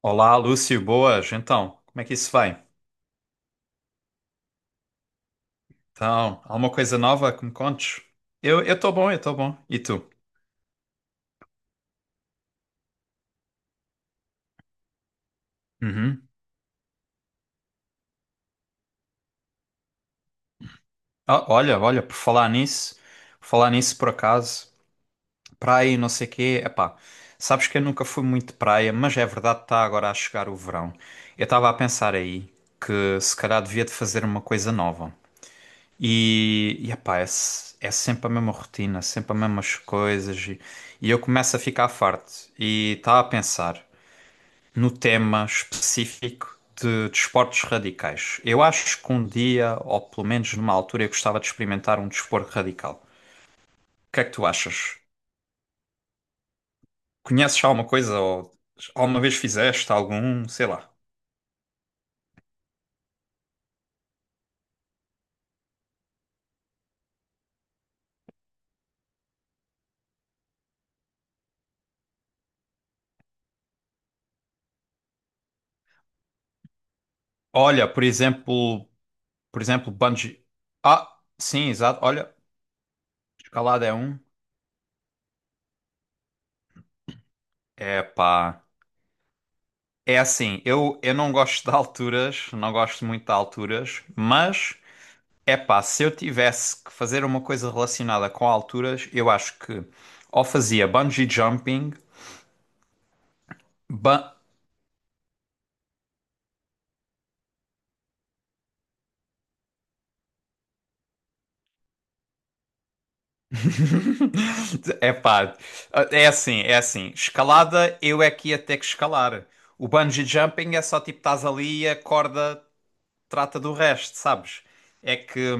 Olá, Lúcio, boas. Então, como é que isso vai? Então, alguma coisa nova que me contes? Eu estou bom, eu estou bom. E tu? Uhum. Ah, olha, olha, Por falar nisso por acaso, praia e não sei quê, epá, sabes que eu nunca fui muito de praia, mas é verdade que está agora a chegar o verão. Eu estava a pensar aí que se calhar devia de fazer uma coisa nova. E epá, é sempre a mesma rotina, sempre as mesmas coisas, e eu começo a ficar farto e estava a pensar no tema específico de desportos radicais. Eu acho que um dia, ou pelo menos numa altura, eu gostava de experimentar um desporto radical. O que é que tu achas? Conheces alguma coisa ou alguma vez fizeste algum, sei lá. Olha, por exemplo, bungee. Ah, sim, exato. Olha, escalada é um. É pá. É assim, eu não gosto de alturas, não gosto muito de alturas, mas epá, se eu tivesse que fazer uma coisa relacionada com alturas, eu acho que ou fazia bungee jumping, ba... epá, é assim, é assim. Escalada, eu é que ia ter que escalar. O bungee jumping é só tipo estás ali e a corda trata do resto, sabes? É que.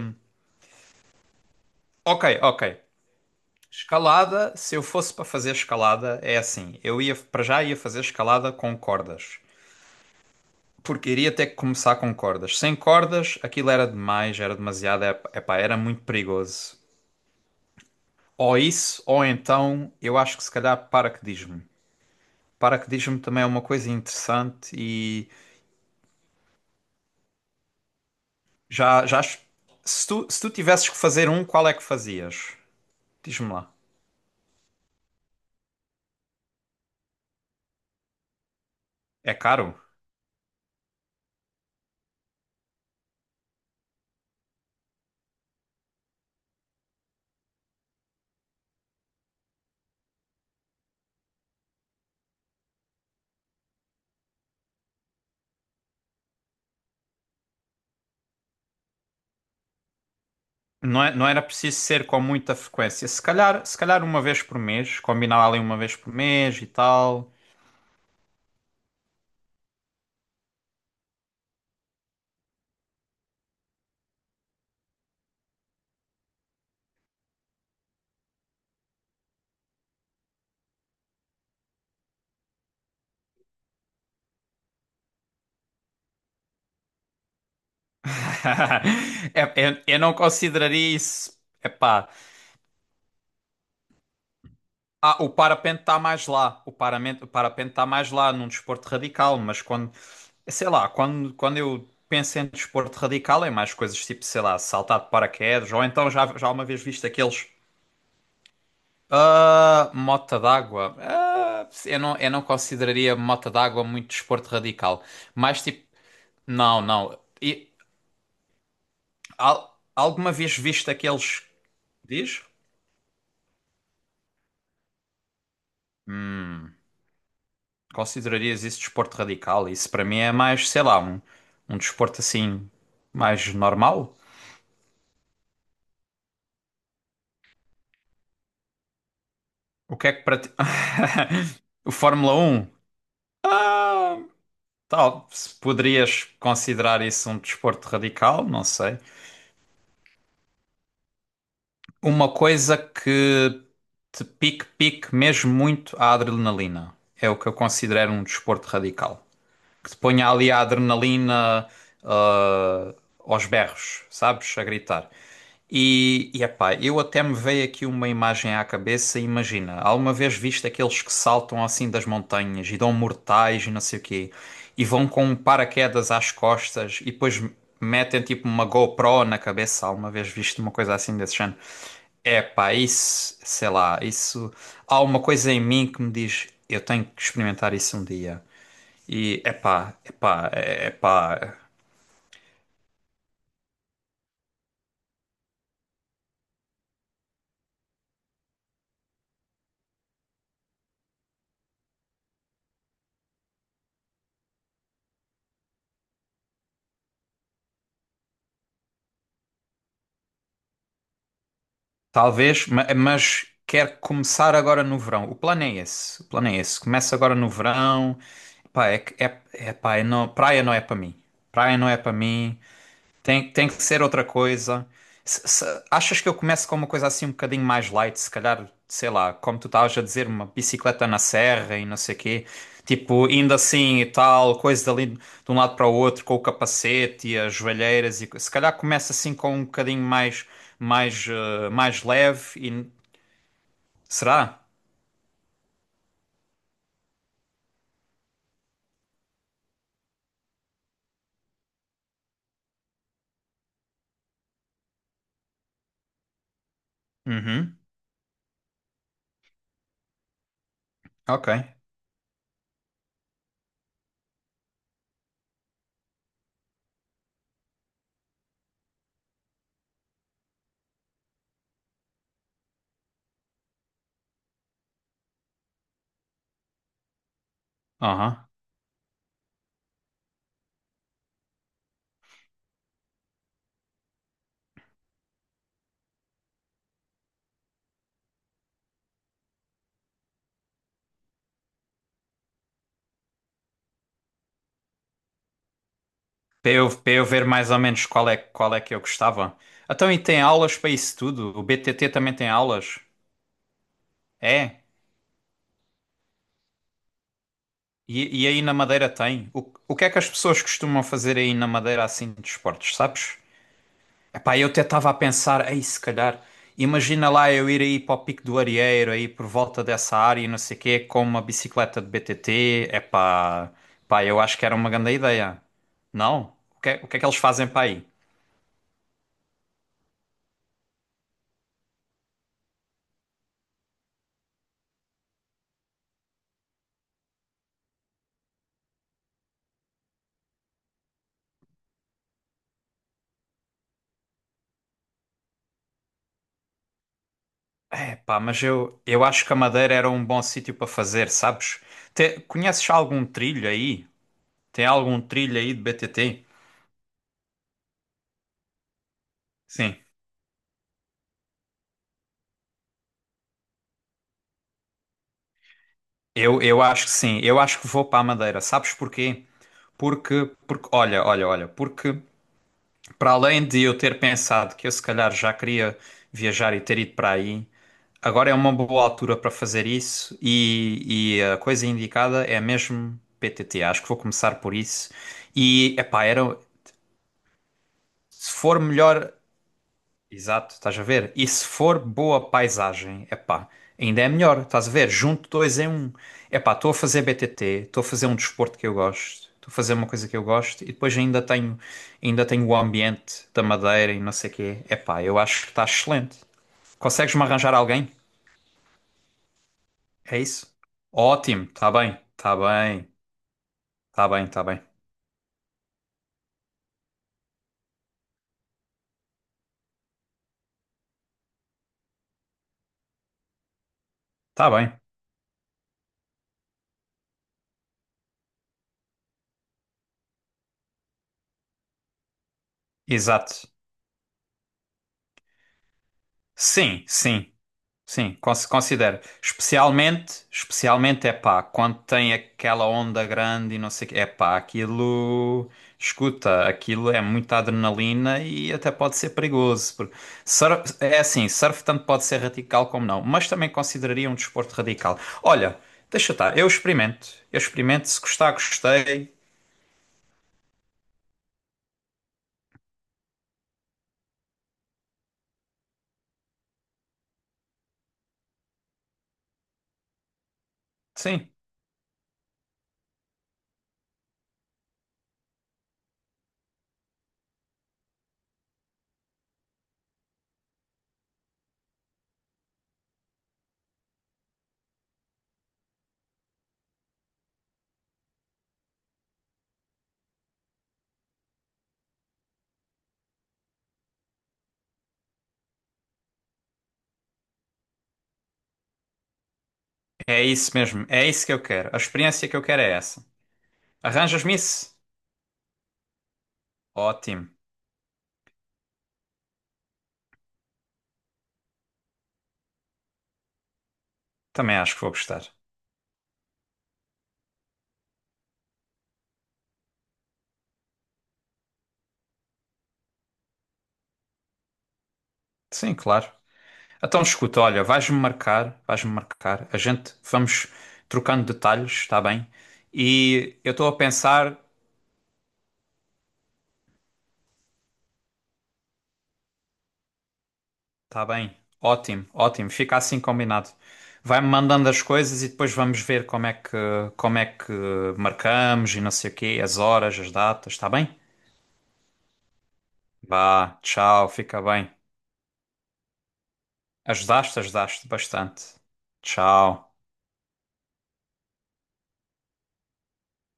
Ok, ok. Escalada, se eu fosse para fazer escalada, é assim. Eu ia para já ia fazer escalada com cordas. Porque iria ter que começar com cordas. Sem cordas, aquilo era demais, era demasiado, epá, era muito perigoso. Ou isso, ou então, eu acho que se calhar paraquedismo. Paraquedismo também é uma coisa interessante e já, já acho- se tu tivesses que fazer um, qual é que fazias? Diz-me lá. É caro? Não era preciso ser com muita frequência. Se calhar uma vez por mês, combinar ali uma vez por mês e tal. Eu não consideraria isso. Epá, ah, o parapente está mais lá. O parapente está mais lá num desporto radical, mas quando, sei lá, quando eu penso em desporto radical é mais coisas tipo, sei lá, saltar de paraquedas, ou então já uma vez visto aqueles. Ah, mota d'água. Ah, eu não consideraria mota d'água muito desporto radical. Mais tipo, não, não. Alguma vez visto aqueles. Diz? Hum. Considerarias isso desporto radical? Isso para mim é mais, sei lá, um desporto assim, mais normal? O que é que para ti. O Fórmula Um tal, se poderias considerar isso um desporto radical, não sei. Uma coisa que te pique, pique mesmo muito a adrenalina. É o que eu considero um desporto radical, que te ponha ali a adrenalina, aos berros, sabes? A gritar. E epá, eu até me veio aqui uma imagem à cabeça. Imagina, alguma vez viste aqueles que saltam assim das montanhas e dão mortais e não sei o quê, e vão com um paraquedas às costas e depois metem tipo uma GoPro na cabeça? Alguma vez viste uma coisa assim desse género? Epá, isso, sei lá, isso. Há uma coisa em mim que me diz: eu tenho que experimentar isso um dia. E epá, epá, epá. Talvez, mas quer começar agora no verão. O plano é esse. O plano é esse. Começa agora no verão. Epá, não, praia não é para mim. Praia não é para mim. Tem que ser outra coisa. Achas que eu começo com uma coisa assim um bocadinho mais light? Se calhar, sei lá, como tu estavas a dizer, uma bicicleta na serra e não sei quê. Tipo, indo assim e tal, coisas ali de um lado para o outro, com o capacete e as joelheiras. Se calhar começa assim com um bocadinho mais leve. Será? Uhum. Ok. Aham. Para eu ver mais ou menos qual é que eu gostava. Então, e tem aulas para isso tudo? O BTT também tem aulas? É. E aí na Madeira tem. O que é que as pessoas costumam fazer aí na Madeira assim de esportes, sabes? Epá, eu até estava a pensar, ei, se calhar, imagina lá eu ir aí para o Pico do Arieiro, aí por volta dessa área e não sei o quê, com uma bicicleta de BTT. Epá, pá, eu acho que era uma grande ideia. Não? O que é que eles fazem para aí? É, pá, mas eu acho que a Madeira era um bom sítio para fazer, sabes? Conheces algum trilho aí? Tem algum trilho aí de BTT? Sim. Eu acho que sim, eu acho que vou para a Madeira. Sabes porquê? Porque, olha, porque para além de eu ter pensado que eu se calhar já queria viajar e ter ido para aí, agora é uma boa altura para fazer isso e a coisa indicada é mesmo PTT. Acho que vou começar por isso. E, epá, era, se for melhor. Exato, estás a ver? E se for boa paisagem, epá, ainda é melhor, estás a ver? Junto dois em um. Epá, estou a fazer BTT, estou a fazer um desporto que eu gosto, estou a fazer uma coisa que eu gosto e depois ainda tenho o ambiente da Madeira e não sei o quê. Epá, eu acho que está excelente. Consegues-me arranjar alguém? É isso? Ótimo, está bem, está bem, está bem, está bem. Está bem, exato. Sim, sim. Sim, considero. Especialmente é pá, quando tem aquela onda grande e não sei o quê. É pá, aquilo, escuta, aquilo é muita adrenalina e até pode ser perigoso, porque é assim, surf tanto pode ser radical como não, mas também consideraria um desporto radical. Olha, deixa estar, eu experimento. Eu experimento, se gostar, gostei. Sim, é isso mesmo, é isso que eu quero. A experiência que eu quero é essa. Arranjas-me isso? Ótimo, também acho que vou gostar. Sim, claro. Então, escuta, olha, vais-me marcar, a gente vamos trocando detalhes, está bem? E eu estou a pensar, está bem, ótimo, ótimo, fica assim combinado. Vai-me mandando as coisas e depois vamos ver como é que, marcamos e não sei o quê, as horas, as datas, está bem? Vá, tchau, fica bem. Ajudaste, ajudaste bastante. Tchau.